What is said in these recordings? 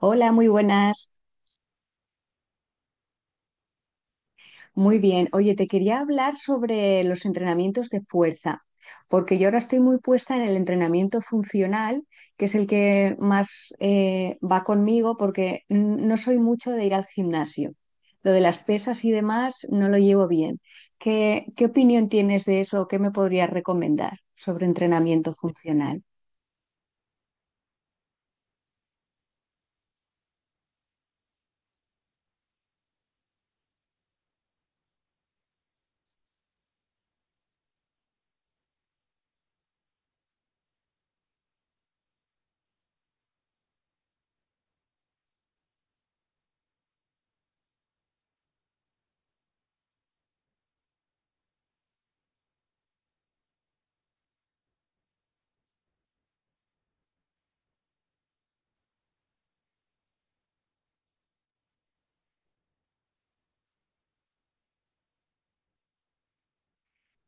Hola, muy buenas. Muy bien. Oye, te quería hablar sobre los entrenamientos de fuerza, porque yo ahora estoy muy puesta en el entrenamiento funcional, que es el que más va conmigo, porque no soy mucho de ir al gimnasio. Lo de las pesas y demás no lo llevo bien. ¿Qué opinión tienes de eso? ¿Qué me podrías recomendar sobre entrenamiento funcional?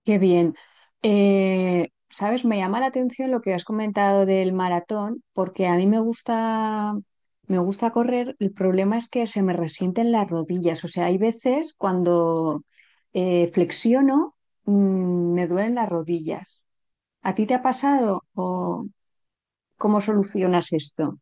Qué bien. Sabes, me llama la atención lo que has comentado del maratón, porque a mí me gusta correr. El problema es que se me resienten las rodillas. O sea, hay veces cuando flexiono, me duelen las rodillas. ¿A ti te ha pasado o cómo solucionas esto?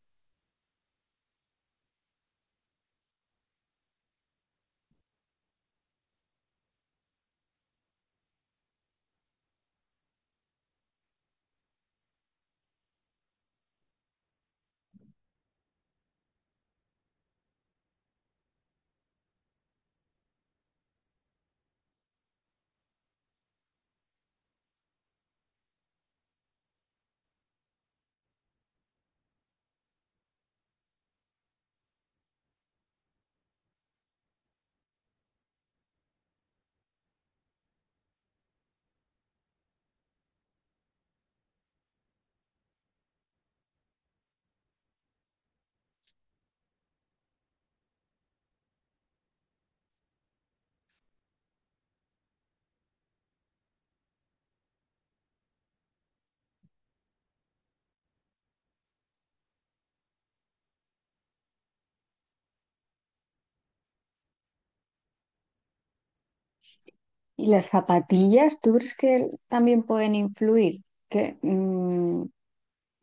¿Y las zapatillas, tú crees que también pueden influir? Que, mm,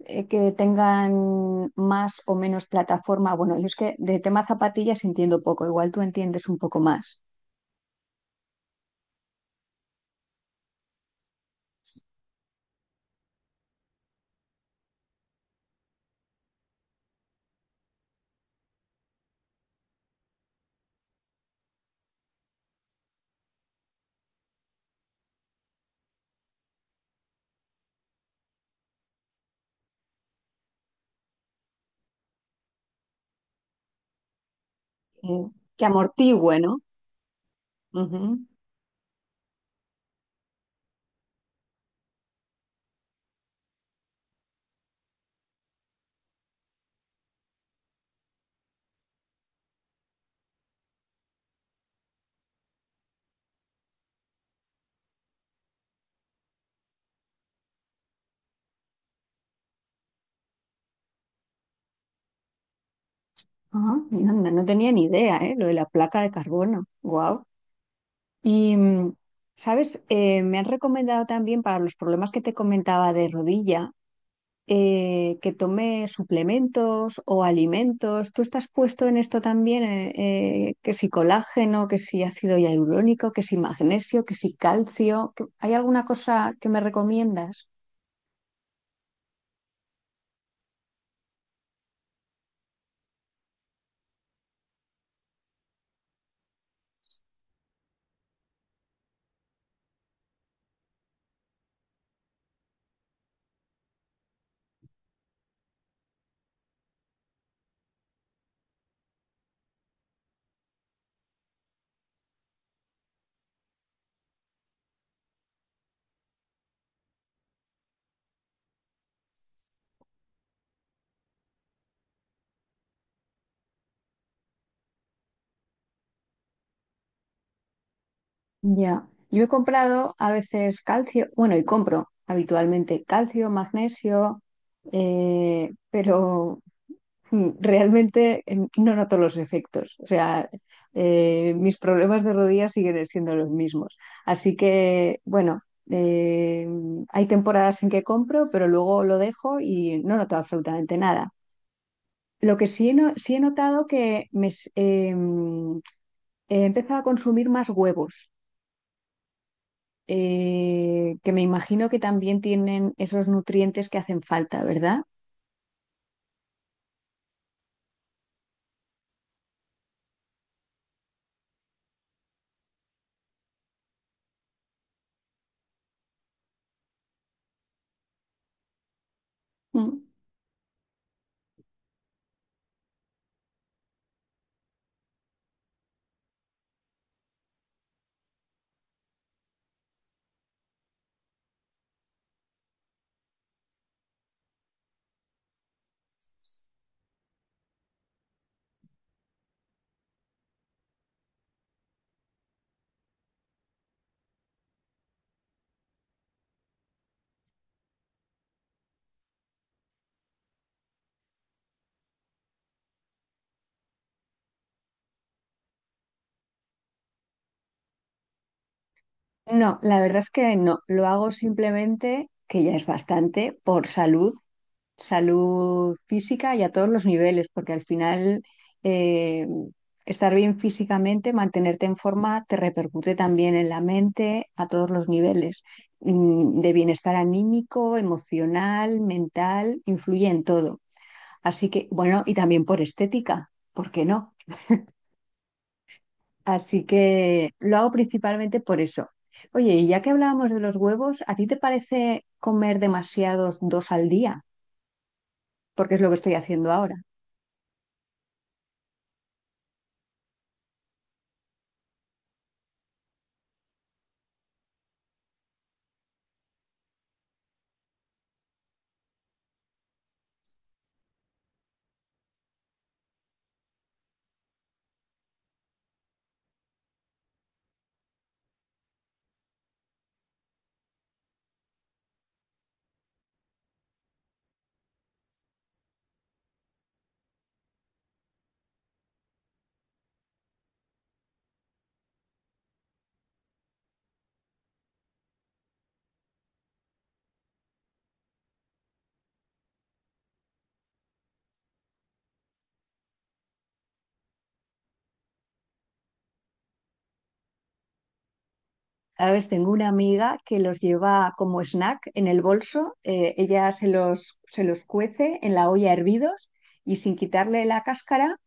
eh, que tengan más o menos plataforma. Bueno, yo es que de tema zapatillas entiendo poco, igual tú entiendes un poco más. Eh, que amortigüe, ¿no? Ujú. Ah, no tenía ni idea, ¿eh? Lo de la placa de carbono. Wow. Y, ¿sabes? Me han recomendado también para los problemas que te comentaba de rodilla, que tome suplementos o alimentos. ¿Tú estás puesto en esto también? Que si colágeno, que si ácido hialurónico, que si magnesio, que si calcio. ¿Hay alguna cosa que me recomiendas? Ya. Yo he comprado a veces calcio, bueno, y compro habitualmente calcio, magnesio, eh, pero Realmente no noto los efectos, o sea, mis problemas de rodillas siguen siendo los mismos. Así que, bueno, eh, hay temporadas en que compro, pero luego lo dejo y no noto absolutamente nada. Lo que sí he, no- sí he notado que he empezado a consumir más huevos, que me imagino que también tienen esos nutrientes que hacen falta, ¿verdad? Mm. No, la verdad es que no. Lo hago simplemente, que ya es bastante, por salud, salud física y a todos los niveles, porque al final eh, estar bien físicamente, mantenerte en forma, te repercute también en la mente a todos los niveles, de bienestar anímico, emocional, mental, influye en todo. Así que, bueno, y también por estética, ¿por qué no? Así que lo hago principalmente por eso. Oye, y ya que hablábamos de los huevos, ¿a ti te parece comer demasiados dos al día? Porque es lo que estoy haciendo ahora. A veces tengo una amiga que los lleva como snack en el bolso, ella se los cuece en la olla hervidos y sin quitarle la cáscara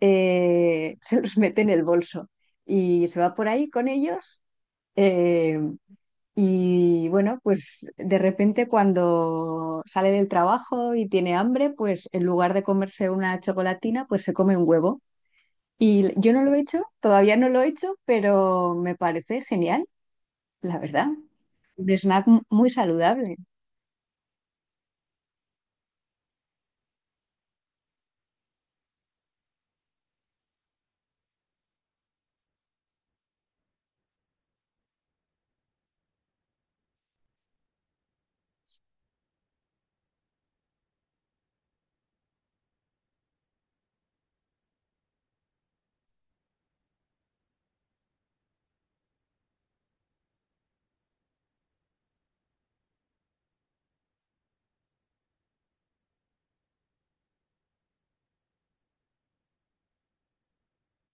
se los mete en el bolso y se va por ahí con ellos. eh, Y bueno, pues de repente cuando sale del trabajo y tiene hambre, pues en lugar de comerse una chocolatina, pues se come un huevo. Y yo no lo he hecho, todavía no lo he hecho, pero me parece genial, la verdad. Un snack muy saludable,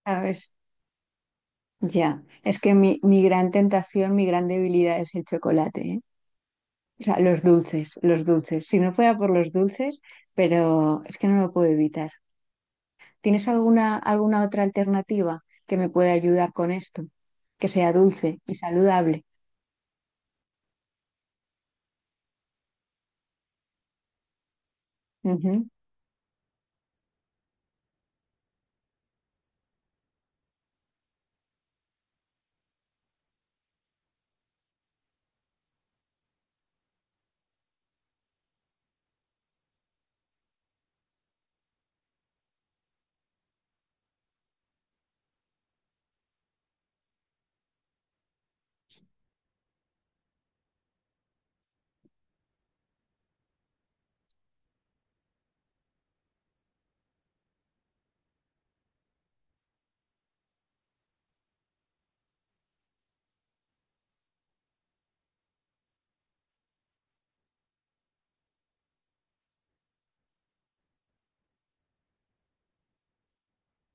¿sabes? Ya, es que mi gran tentación, mi gran debilidad es el chocolate, ¿eh? O sea, los dulces, los dulces. Si no fuera por los dulces, pero es que no lo puedo evitar. ¿Tienes alguna otra alternativa que me pueda ayudar con esto? Que sea dulce y saludable. Ujú.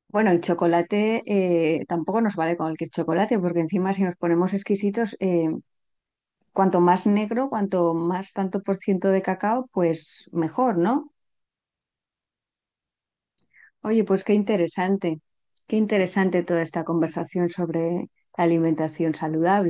Bueno, el chocolate tampoco nos vale con el chocolate, porque encima si nos ponemos exquisitos, cuanto más negro, cuanto más tanto por ciento de cacao, pues mejor, ¿no? Oye, pues qué interesante toda esta conversación sobre alimentación saludable.